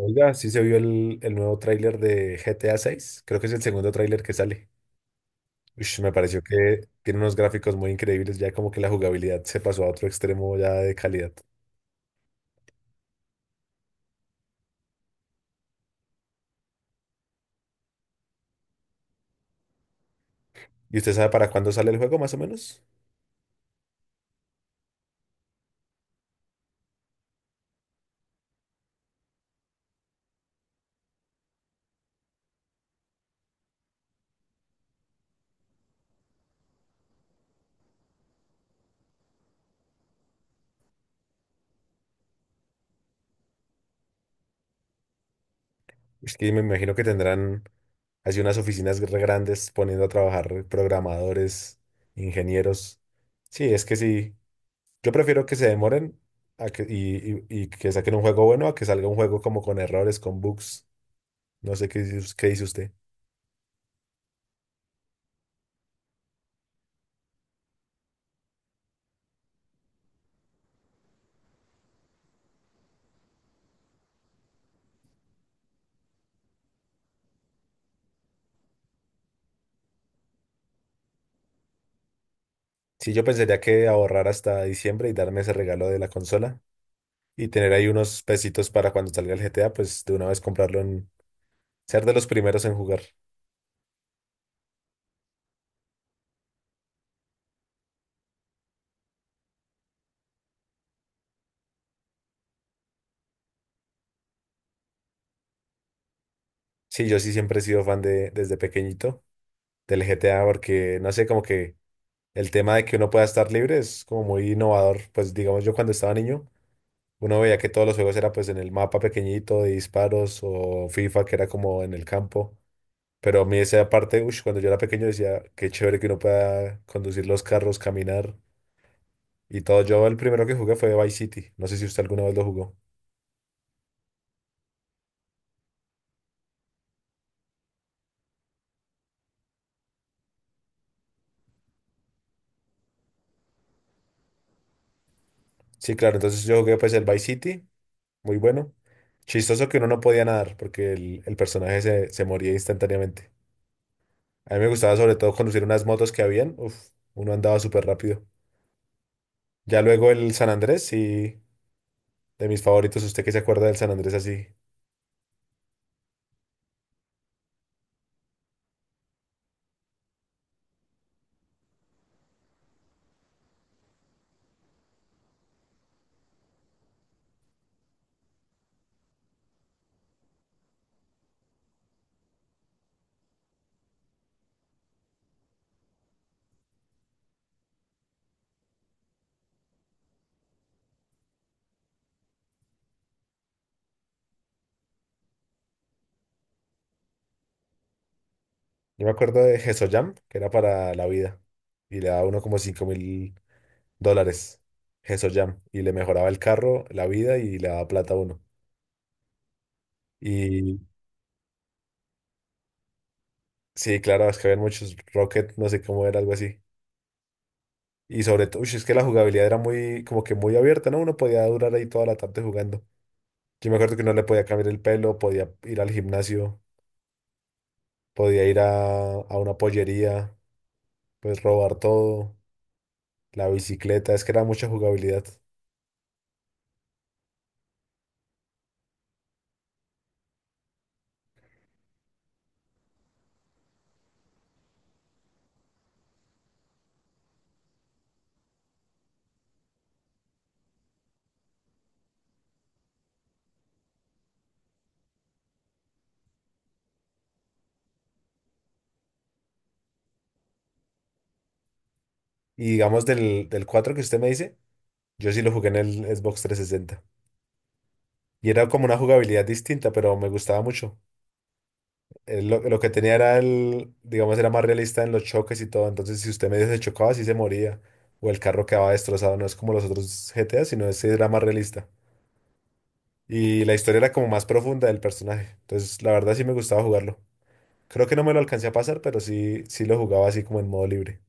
Oiga, sí se vio el nuevo tráiler de GTA 6. Creo que es el segundo tráiler que sale. Ush, me pareció que tiene unos gráficos muy increíbles, ya como que la jugabilidad se pasó a otro extremo ya de calidad. ¿Y usted sabe para cuándo sale el juego más o menos? Es que me imagino que tendrán así unas oficinas re grandes poniendo a trabajar programadores, ingenieros. Sí, es que sí. Yo prefiero que se demoren a y que saquen un juego bueno a que salga un juego como con errores, con bugs. No sé qué, qué dice usted. Sí, yo pensaría que ahorrar hasta diciembre y darme ese regalo de la consola y tener ahí unos pesitos para cuando salga el GTA, pues de una vez comprarlo en ser de los primeros en jugar. Sí, yo sí siempre he sido fan de desde pequeñito del GTA porque no sé, como que el tema de que uno pueda estar libre es como muy innovador. Pues digamos yo cuando estaba niño, uno veía que todos los juegos era pues en el mapa pequeñito de disparos o FIFA que era como en el campo. Pero a mí esa parte, ush, cuando yo era pequeño decía, qué chévere que uno pueda conducir los carros, caminar. Y todo, yo el primero que jugué fue Vice City. No sé si usted alguna vez lo jugó. Sí, claro, entonces yo jugué pues el Vice City, muy bueno. Chistoso que uno no podía nadar porque el personaje se moría instantáneamente. A mí me gustaba sobre todo conducir unas motos que habían. Uf, uno andaba súper rápido. Ya luego el San Andrés, sí, de mis favoritos. ¿Usted qué se acuerda del San Andrés así? Yo me acuerdo de Jam, que era para la vida. Y le daba uno como $5.000. Jam. Y le mejoraba el carro, la vida y le daba plata a uno. Y sí, claro, es que había muchos Rocket, no sé cómo era, algo así. Y sobre todo, uy, es que la jugabilidad era muy, como que muy abierta, ¿no? Uno podía durar ahí toda la tarde jugando. Yo me acuerdo que uno le podía cambiar el pelo, podía ir al gimnasio, podía ir a una pollería, pues robar todo, la bicicleta, es que era mucha jugabilidad. Y digamos del 4 que usted me dice, yo sí lo jugué en el Xbox 360. Y era como una jugabilidad distinta, pero me gustaba mucho. Lo que tenía era el, digamos, era más realista en los choques y todo. Entonces, si usted medio se chocaba, sí se moría. O el carro quedaba destrozado. No es como los otros GTA, sino ese era más realista. Y la historia era como más profunda del personaje. Entonces, la verdad sí me gustaba jugarlo. Creo que no me lo alcancé a pasar, pero sí, sí lo jugaba así como en modo libre.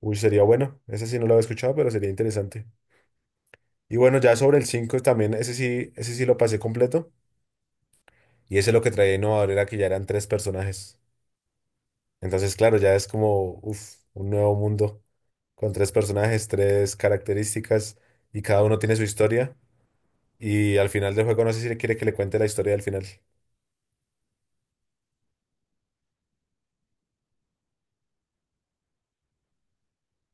Uy, sería bueno. Ese sí no lo había escuchado, pero sería interesante. Y bueno, ya sobre el 5 también, ese sí lo pasé completo. Y ese lo que traía innovador era que ya eran tres personajes. Entonces, claro, ya es como uf, un nuevo mundo con tres personajes, tres características y cada uno tiene su historia. Y al final del juego no sé si le quiere que le cuente la historia del final.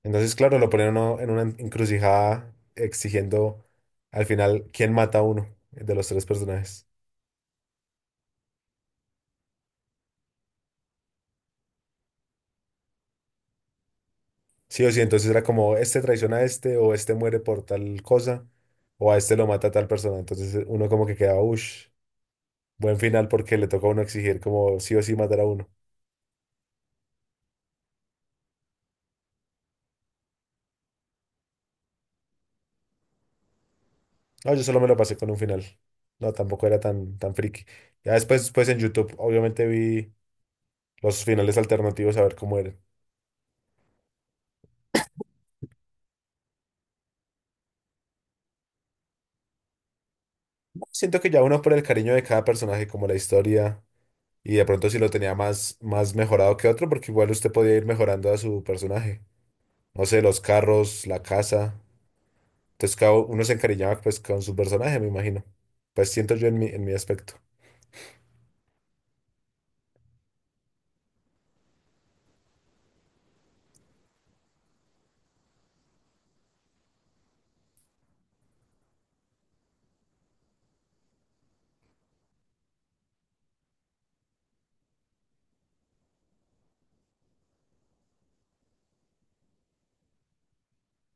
Entonces, claro, lo ponen a uno en una encrucijada exigiendo al final quién mata a uno de los tres personajes. Sí o sí, entonces era como este traiciona a este o este muere por tal cosa o a este lo mata tal persona. Entonces uno como que quedaba, uff, buen final porque le tocó a uno exigir como sí o sí matar a uno. No, yo solo me lo pasé con un final. No, tampoco era tan, tan friki. Ya después, pues en YouTube, obviamente vi los finales alternativos a ver cómo eran. Siento que ya uno por el cariño de cada personaje, como la historia, y de pronto si lo tenía más, más mejorado que otro, porque igual usted podía ir mejorando a su personaje. No sé, los carros, la casa. Entonces cada uno se encariñaba pues con su personaje, me imagino. Pues siento yo en mi aspecto.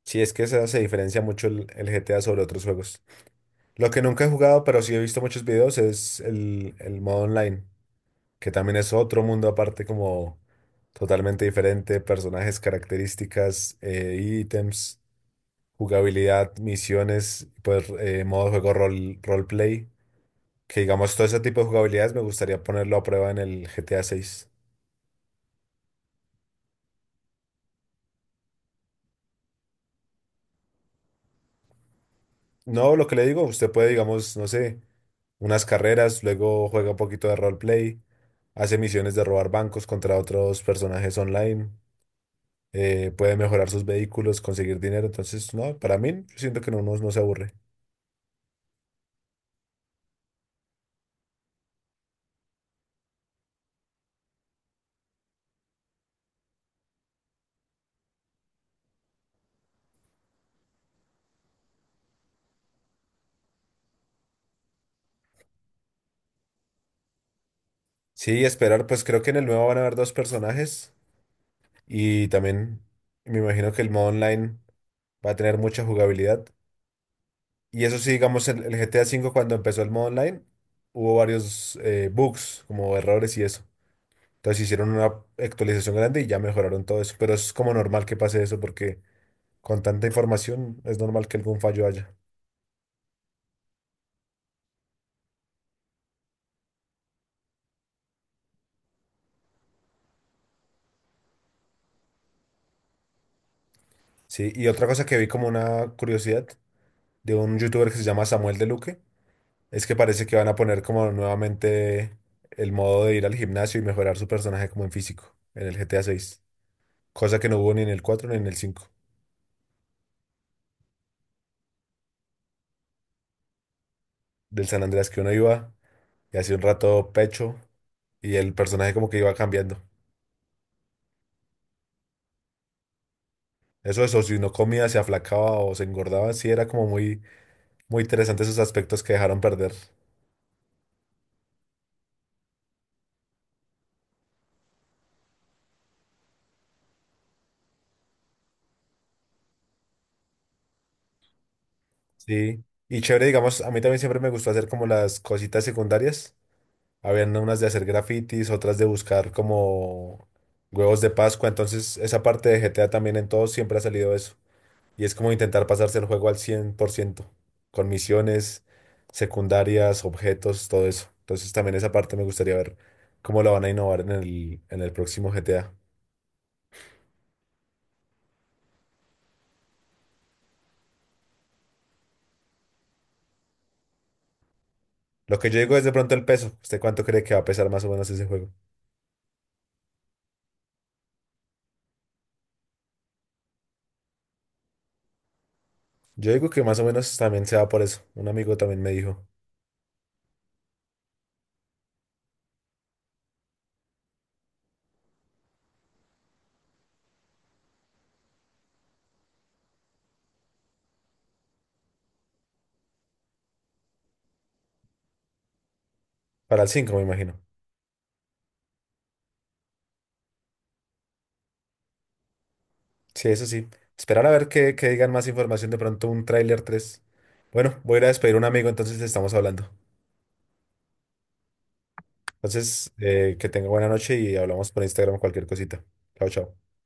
Sí, es que esa se diferencia mucho el GTA sobre otros juegos. Lo que nunca he jugado, pero sí he visto muchos videos, es el modo online, que también es otro mundo aparte, como totalmente diferente, personajes, características, ítems, jugabilidad, misiones, pues modo de juego rol, roleplay, que digamos todo ese tipo de jugabilidades me gustaría ponerlo a prueba en el GTA 6. No, lo que le digo, usted puede, digamos, no sé, unas carreras, luego juega un poquito de roleplay, hace misiones de robar bancos contra otros personajes online. Puede mejorar sus vehículos, conseguir dinero. Entonces, no, para mí, yo siento que no, no, no se aburre. Sí, esperar, pues creo que en el nuevo van a haber dos personajes y también me imagino que el modo online va a tener mucha jugabilidad. Y eso sí, digamos, el GTA V cuando empezó el modo online, hubo varios bugs, como errores y eso. Entonces hicieron una actualización grande y ya mejoraron todo eso. Pero es como normal que pase eso porque con tanta información es normal que algún fallo haya. Sí, y otra cosa que vi como una curiosidad de un youtuber que se llama Samuel de Luque. Es que parece que van a poner como nuevamente el modo de ir al gimnasio y mejorar su personaje como en físico en el GTA 6. Cosa que no hubo ni en el 4 ni en el cinco. Del San Andreas que uno iba y hacía un rato pecho y el personaje como que iba cambiando. Eso, si no comía, se aflacaba o se engordaba, sí era como muy, muy interesante esos aspectos que dejaron perder. Sí. Y chévere, digamos, a mí también siempre me gustó hacer como las cositas secundarias. Habían unas de hacer grafitis, otras de buscar como huevos de Pascua. Entonces, esa parte de GTA también en todos siempre ha salido eso. Y es como intentar pasarse el juego al 100% con misiones secundarias, objetos, todo eso. Entonces, también esa parte me gustaría ver cómo la van a innovar en el próximo GTA. Lo que yo digo es de pronto el peso. ¿Usted cuánto cree que va a pesar más o menos ese juego? Yo digo que más o menos también se va por eso. Un amigo también me dijo. Para el 5 me imagino. Sí, eso sí. Esperar a ver que digan más información, de pronto un tráiler 3. Bueno, voy a ir a despedir a un amigo, entonces estamos hablando. Entonces, que tenga buena noche y hablamos por Instagram cualquier cosita. Chao, chao.